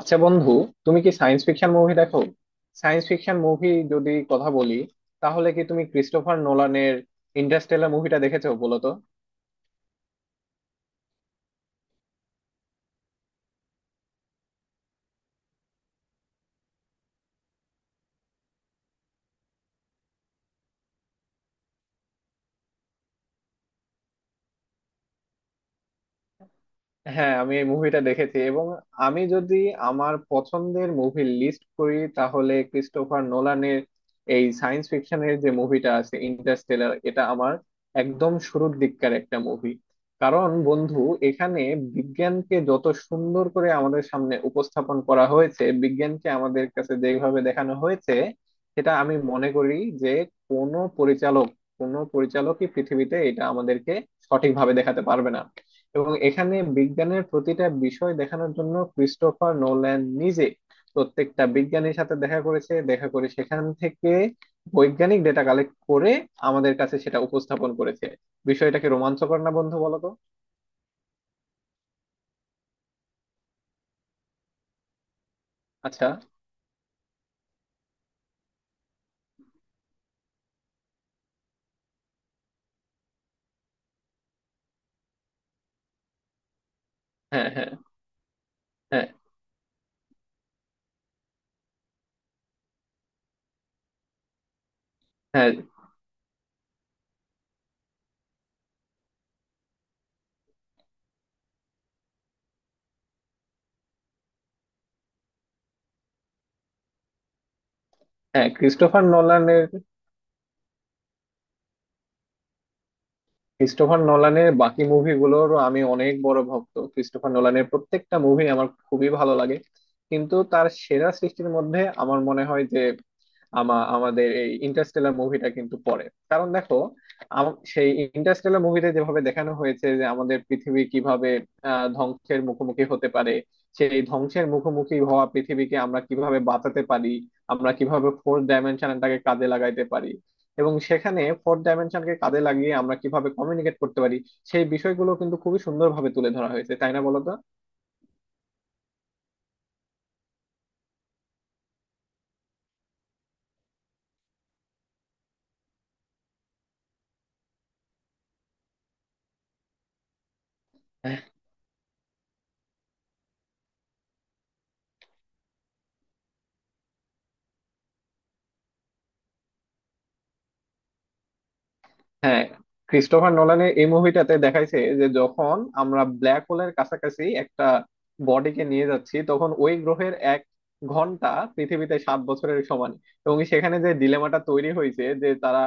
আচ্ছা বন্ধু, তুমি কি সায়েন্স ফিকশন মুভি দেখো? সায়েন্স ফিকশন মুভি যদি কথা বলি, তাহলে কি তুমি ক্রিস্টোফার নোলানের ইন্টারস্টেলার মুভিটা দেখেছো বলো তো? হ্যাঁ, আমি এই মুভিটা দেখেছি এবং আমি যদি আমার পছন্দের মুভি লিস্ট করি, তাহলে ক্রিস্টোফার নোলানের এই সায়েন্স ফিকশনের যে মুভিটা আছে ইন্টারস্টেলার, এটা আমার একদম শুরুর দিককার একটা মুভি। কারণ বন্ধু, এখানে বিজ্ঞানকে যত সুন্দর করে আমাদের সামনে উপস্থাপন করা হয়েছে, বিজ্ঞানকে আমাদের কাছে যেভাবে দেখানো হয়েছে, সেটা আমি মনে করি যে কোনো পরিচালক, কোনো পরিচালকই পৃথিবীতে এটা আমাদেরকে সঠিকভাবে দেখাতে পারবে না। এবং এখানে বিজ্ঞানের প্রতিটা বিষয় দেখানোর জন্য ক্রিস্টোফার নোল্যান নিজে প্রত্যেকটা বিজ্ঞানীর সাথে দেখা করেছে, দেখা করে সেখান থেকে বৈজ্ঞানিক ডেটা কালেক্ট করে আমাদের কাছে সেটা উপস্থাপন করেছে। বিষয়টাকে রোমাঞ্চকর না বন্ধু, বলো তো? আচ্ছা। হ্যাঁ, হ্যাঁ। হ্যাঁ। হ্যাঁ। হ্যাঁ ক্রিস্টোফার নোলানের, ক্রিস্টোফার নোলানের বাকি মুভিগুলোরও আমি অনেক বড় ভক্ত। ক্রিস্টোফার নোলানের প্রত্যেকটা মুভি আমার খুবই ভালো লাগে, কিন্তু তার সেরা সৃষ্টির মধ্যে আমার মনে হয় যে আমাদের এই ইন্টারস্টেলার মুভিটা কিন্তু পড়ে। কারণ দেখো, সেই ইন্টারস্টেলার মুভিতে যেভাবে দেখানো হয়েছে যে আমাদের পৃথিবী কিভাবে ধ্বংসের মুখোমুখি হতে পারে, সেই ধ্বংসের মুখোমুখি হওয়া পৃথিবীকে আমরা কিভাবে বাঁচাতে পারি, আমরা কিভাবে ফোর্থ ডাইমেনশনটাকে কাজে লাগাইতে পারি, এবং সেখানে ফোর্থ ডাইমেনশনকে কাজে লাগিয়ে আমরা কিভাবে কমিউনিকেট করতে পারি, সেই বিষয়গুলো কিন্তু খুবই সুন্দরভাবে তুলে ধরা হয়েছে, তাই না বলো তো? হ্যাঁ, ক্রিস্টোফার নোলানের এই মুভিটাতে দেখাইছে যে যখন আমরা ব্ল্যাক হোলের কাছাকাছি একটা বডিকে নিয়ে যাচ্ছি, তখন ওই গ্রহের এক ঘন্টা পৃথিবীতে সাত বছরের সমান। এবং সেখানে যে ডিলেমাটা তৈরি হয়েছে যে তারা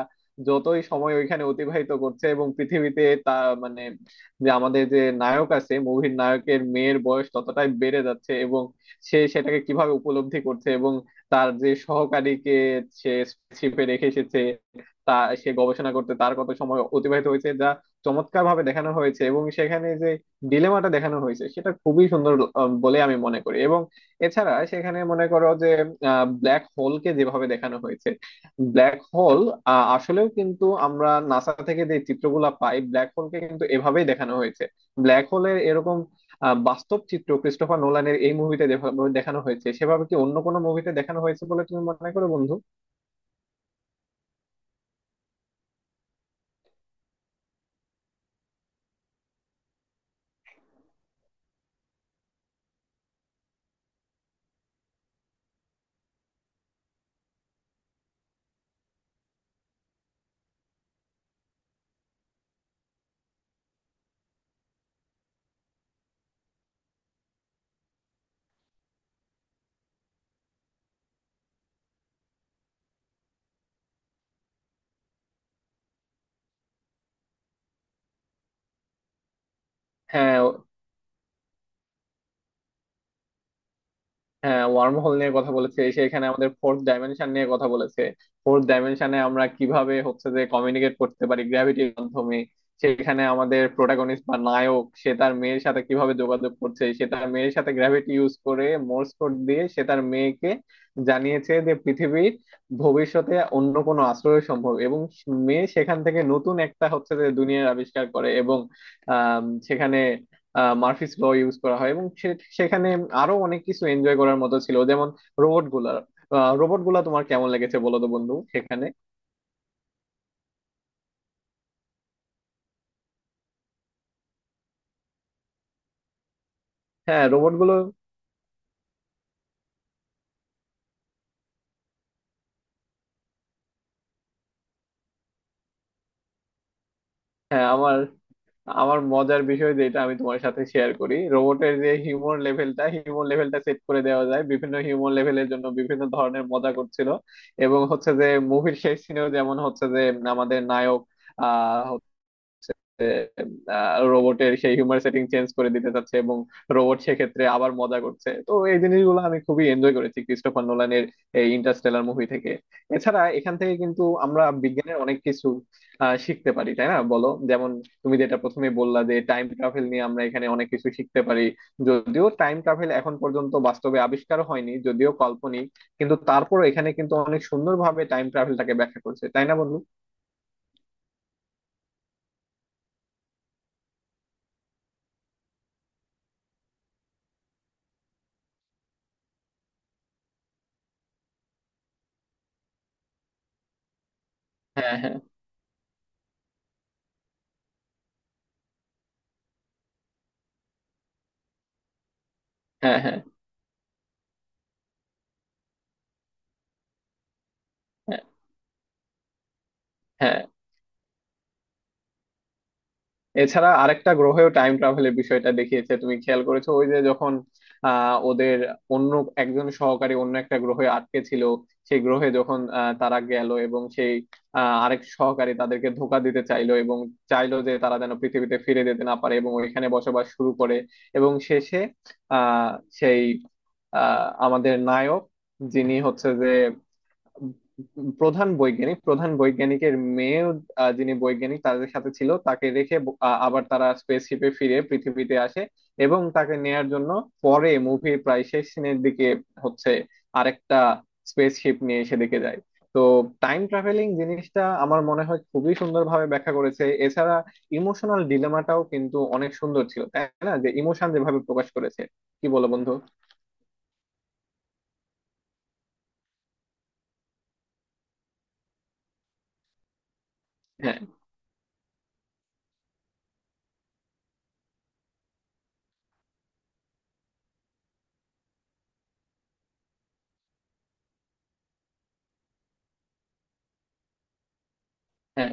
যতই সময় ওইখানে অতিবাহিত করছে, এবং পৃথিবীতে তা মানে যে আমাদের যে নায়ক আছে, মুভির নায়কের মেয়ের বয়স ততটাই বেড়ে যাচ্ছে, এবং সে সেটাকে কিভাবে উপলব্ধি করছে, এবং তার যে সহকারীকে সে শিপে রেখে এসেছে, তা সে গবেষণা করতে তার কত সময় অতিবাহিত হয়েছে, যা চমৎকার ভাবে দেখানো হয়েছে। এবং সেখানে যে ডিলেমাটা দেখানো হয়েছে, সেটা খুবই সুন্দর বলে আমি মনে করি। এবং এছাড়া সেখানে মনে করো যে ব্ল্যাক হোলকে যেভাবে দেখানো হয়েছে, ব্ল্যাক হোল আসলেও কিন্তু আমরা নাসা থেকে যে চিত্রগুলা পাই, ব্ল্যাক হোলকে কিন্তু এভাবেই দেখানো হয়েছে। ব্ল্যাক হোলের এরকম বাস্তব চিত্র ক্রিস্টোফার নোলানের এই মুভিতে দেখানো হয়েছে, সেভাবে কি অন্য কোনো মুভিতে দেখানো হয়েছে বলে তুমি মনে করো বন্ধু? হ্যাঁ। হ্যাঁ, ওয়ার্ম হোল নিয়ে কথা বলেছে, সেখানে আমাদের ফোর্থ ডাইমেনশন নিয়ে কথা বলেছে। ফোর্থ ডাইমেনশনে আমরা কিভাবে হচ্ছে যে কমিউনিকেট করতে পারি গ্র্যাভিটির মাধ্যমে, সেখানে আমাদের প্রোটাগনিস্ট বা নায়ক সে তার মেয়ের সাথে কিভাবে যোগাযোগ করছে, সে তার মেয়ের সাথে গ্র্যাভিটি ইউজ করে মোর্স কোড দিয়ে সে তার মেয়েকে জানিয়েছে যে পৃথিবীর ভবিষ্যতে অন্য কোনো আশ্রয় সম্ভব, এবং মেয়ে সেখান থেকে নতুন একটা হচ্ছে যে দুনিয়ার আবিষ্কার করে। এবং আহ সেখানে মার্ফিস ল ইউজ করা হয়, এবং সেখানে আরো অনেক কিছু এনজয় করার মতো ছিল, যেমন রোবট গুলা। রোবট গুলা তোমার কেমন লেগেছে বলো তো বন্ধু, সেখানে? হ্যাঁ, রোবট গুলো। হ্যাঁ, আমার, আমার মজার বিষয় যেটা আমি তোমার সাথে শেয়ার করি, রোবটের যে হিউমর লেভেলটা, হিউমর লেভেলটা সেট করে দেওয়া যায়, বিভিন্ন হিউমর লেভেলের জন্য বিভিন্ন ধরনের মজা করছিল। এবং হচ্ছে যে মুভির শেষ সিনেও যেমন হচ্ছে যে আমাদের নায়ক আহ রোবটের সেই হিউমার সেটিং চেঞ্জ করে দিতে চাচ্ছে, এবং রোবট সেক্ষেত্রে আবার মজা করছে। তো এই জিনিসগুলো আমি খুবই এনজয় করেছি ক্রিস্টোফার নোলানের এই ইন্টারস্টেলার মুভি থেকে। এছাড়া এখান থেকে কিন্তু আমরা বিজ্ঞানের অনেক কিছু শিখতে পারি, তাই না বলো? যেমন তুমি যেটা প্রথমে বললা, যে টাইম ট্রাভেল নিয়ে আমরা এখানে অনেক কিছু শিখতে পারি, যদিও টাইম ট্রাভেল এখন পর্যন্ত বাস্তবে আবিষ্কার হয়নি, যদিও কাল্পনিক, কিন্তু তারপরও এখানে কিন্তু অনেক সুন্দরভাবে টাইম ট্রাভেলটাকে ব্যাখ্যা করছে, তাই না বন্ধু? হ্যাঁ, হ্যাঁ। হ্যাঁ, হ্যাঁ। হ্যাঁ। হ্যাঁ এছাড়া আরেকটা গ্রহেও টাইম ট্রাভেলের বিষয়টা দেখিয়েছে, তুমি খেয়াল করেছো ওই যে যখন ওদের অন্য একজন সহকারী অন্য একটা গ্রহে আটকে ছিল, সেই গ্রহে যখন তারা গেল, এবং সেই আরেক সহকারী তাদেরকে ধোকা দিতে চাইলো, এবং চাইলো যে তারা যেন পৃথিবীতে ফিরে যেতে না পারে এবং ওইখানে বসবাস শুরু করে। এবং শেষে আহ সেই আমাদের নায়ক, যিনি হচ্ছে যে প্রধান বৈজ্ঞানিক, প্রধান বৈজ্ঞানিকের মেয়ে, যিনি বৈজ্ঞানিক তাদের সাথে ছিল, তাকে রেখে আবার তারা স্পেসশিপে ফিরে পৃথিবীতে আসে, এবং তাকে নেয়ার জন্য পরে মুভির প্রায় শেষ সিনের দিকে হচ্ছে আরেকটা স্পেসশিপ নিয়ে সেদিকে যায়। তো টাইম ট্রাভেলিং জিনিসটা আমার মনে হয় খুবই সুন্দরভাবে ব্যাখ্যা করেছে। এছাড়া ইমোশনাল ডিলেমাটাও কিন্তু অনেক সুন্দর ছিল, তাই না? যে ইমোশন যেভাবে প্রকাশ করেছে, কি বলো বন্ধু? হ্যাঁ, হ্যাঁ।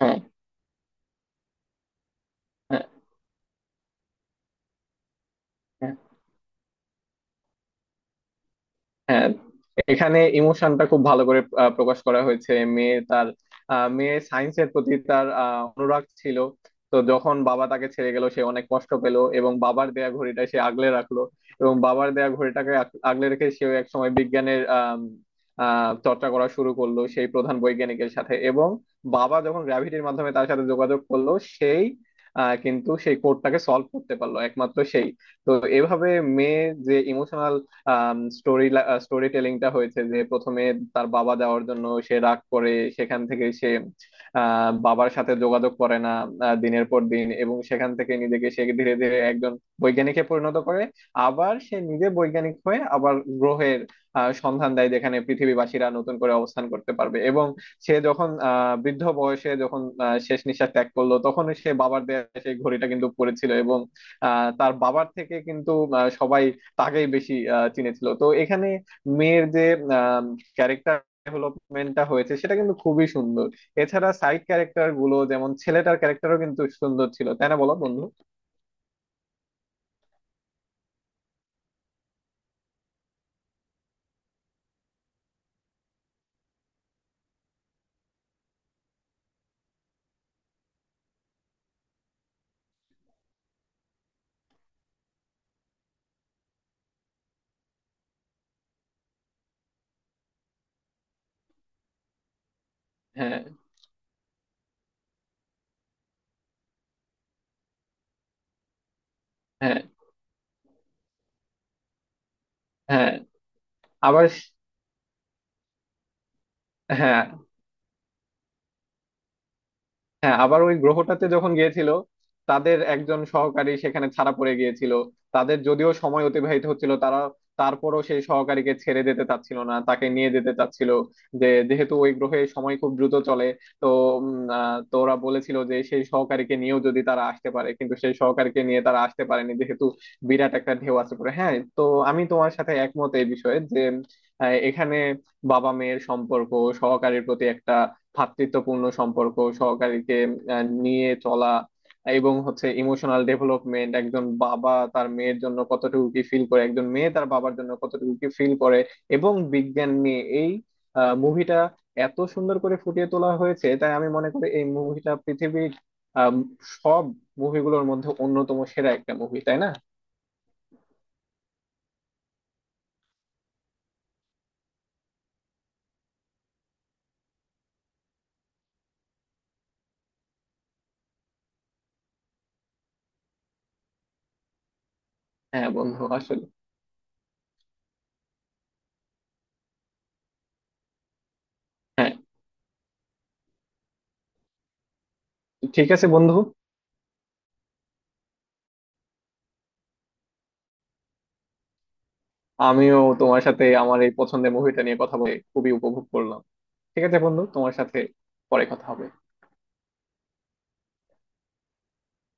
হ্যাঁ, হ্যাঁ। হ্যাঁ। হ্যাঁ, এখানে ইমোশনটা খুব ভালো করে প্রকাশ করা হয়েছে। মেয়ে তার, মেয়ে সায়েন্সের প্রতি তার অনুরাগ ছিল। তো যখন বাবা তাকে ছেড়ে গেল, সে অনেক কষ্ট পেল, এবং বাবার দেয়া ঘড়িটা সে আগলে রাখলো। এবং বাবার দেয়া ঘড়িটাকে আগলে রেখে সেও এক সময় বিজ্ঞানের চর্চা করা শুরু করলো সেই প্রধান বৈজ্ঞানিকের সাথে। এবং বাবা যখন গ্র্যাভিটির মাধ্যমে তার সাথে যোগাযোগ করলো সেই কিন্তু সেই কোডটাকে সলভ করতে পারলো একমাত্র সেই। তো এভাবে মেয়ে যে ইমোশনাল স্টোরি, স্টোরি টেলিংটা হয়েছে, যে প্রথমে তার বাবা যাওয়ার জন্য সে রাগ করে, সেখান থেকে সে বাবার সাথে যোগাযোগ করে না দিনের পর দিন, এবং সেখান থেকে নিজেকে সে ধীরে ধীরে একজন বৈজ্ঞানিকে পরিণত করে। আবার সে নিজে বৈজ্ঞানিক হয়ে আবার গ্রহের সন্ধান দেয়, যেখানে পৃথিবীবাসীরা নতুন করে অবস্থান করতে পারবে। এবং সে যখন বৃদ্ধ বয়সে যখন শেষ নিঃশ্বাস ত্যাগ করলো, তখন সে বাবার দেয়া সেই ঘড়িটা কিন্তু পড়েছিল। এবং তার বাবার থেকে কিন্তু সবাই তাকেই বেশি চিনেছিল। তো এখানে মেয়ের যে ক্যারেক্টার ডেভেলপমেন্টটা হয়েছে, সেটা কিন্তু খুবই সুন্দর। এছাড়া সাইড ক্যারেক্টার গুলো, যেমন ছেলেটার ক্যারেক্টারও কিন্তু সুন্দর ছিল, তাই না বলো বন্ধু? হ্যাঁ, হ্যাঁ। হ্যাঁ আবার। হ্যাঁ, হ্যাঁ আবার ওই গ্রহটাতে যখন গিয়েছিল, তাদের একজন সহকারী সেখানে ছাড়া পড়ে গিয়েছিল। তাদের যদিও সময় অতিবাহিত হচ্ছিল, তারা তারপরও সেই সহকারীকে ছেড়ে দিতে চাচ্ছিল না, তাকে নিয়ে যেতে চাচ্ছিল যে যেহেতু ওই গ্রহে সময় খুব দ্রুত চলে। তো উম, তো ওরা বলেছিল যে সেই সহকারীকে নিয়েও যদি তারা আসতে পারে, কিন্তু সেই সহকারীকে নিয়ে তারা আসতে পারেনি যেহেতু বিরাট একটা ঢেউ আছে। পরে হ্যাঁ, তো আমি তোমার সাথে একমত এই বিষয়ে যে এখানে বাবা মেয়ের সম্পর্ক, সহকারীর প্রতি একটা ভ্রাতৃত্বপূর্ণ সম্পর্ক, সহকারীকে নিয়ে চলা, এবং হচ্ছে ইমোশনাল ডেভেলপমেন্ট, একজন বাবা তার মেয়ের জন্য কতটুকু কি ফিল করে, একজন মেয়ে তার বাবার জন্য কতটুকু কি ফিল করে, এবং বিজ্ঞান নিয়ে এই মুভিটা এত সুন্দর করে ফুটিয়ে তোলা হয়েছে, তাই আমি মনে করি এই মুভিটা পৃথিবীর আম, সব মুভিগুলোর মধ্যে অন্যতম সেরা একটা মুভি, তাই না? হ্যাঁ বন্ধু আসলে। হ্যাঁ ঠিক আছে বন্ধু, আমিও তোমার সাথে আমার এই পছন্দের মুভিটা নিয়ে কথা বলে খুবই উপভোগ করলাম। ঠিক আছে বন্ধু, তোমার সাথে পরে কথা হবে।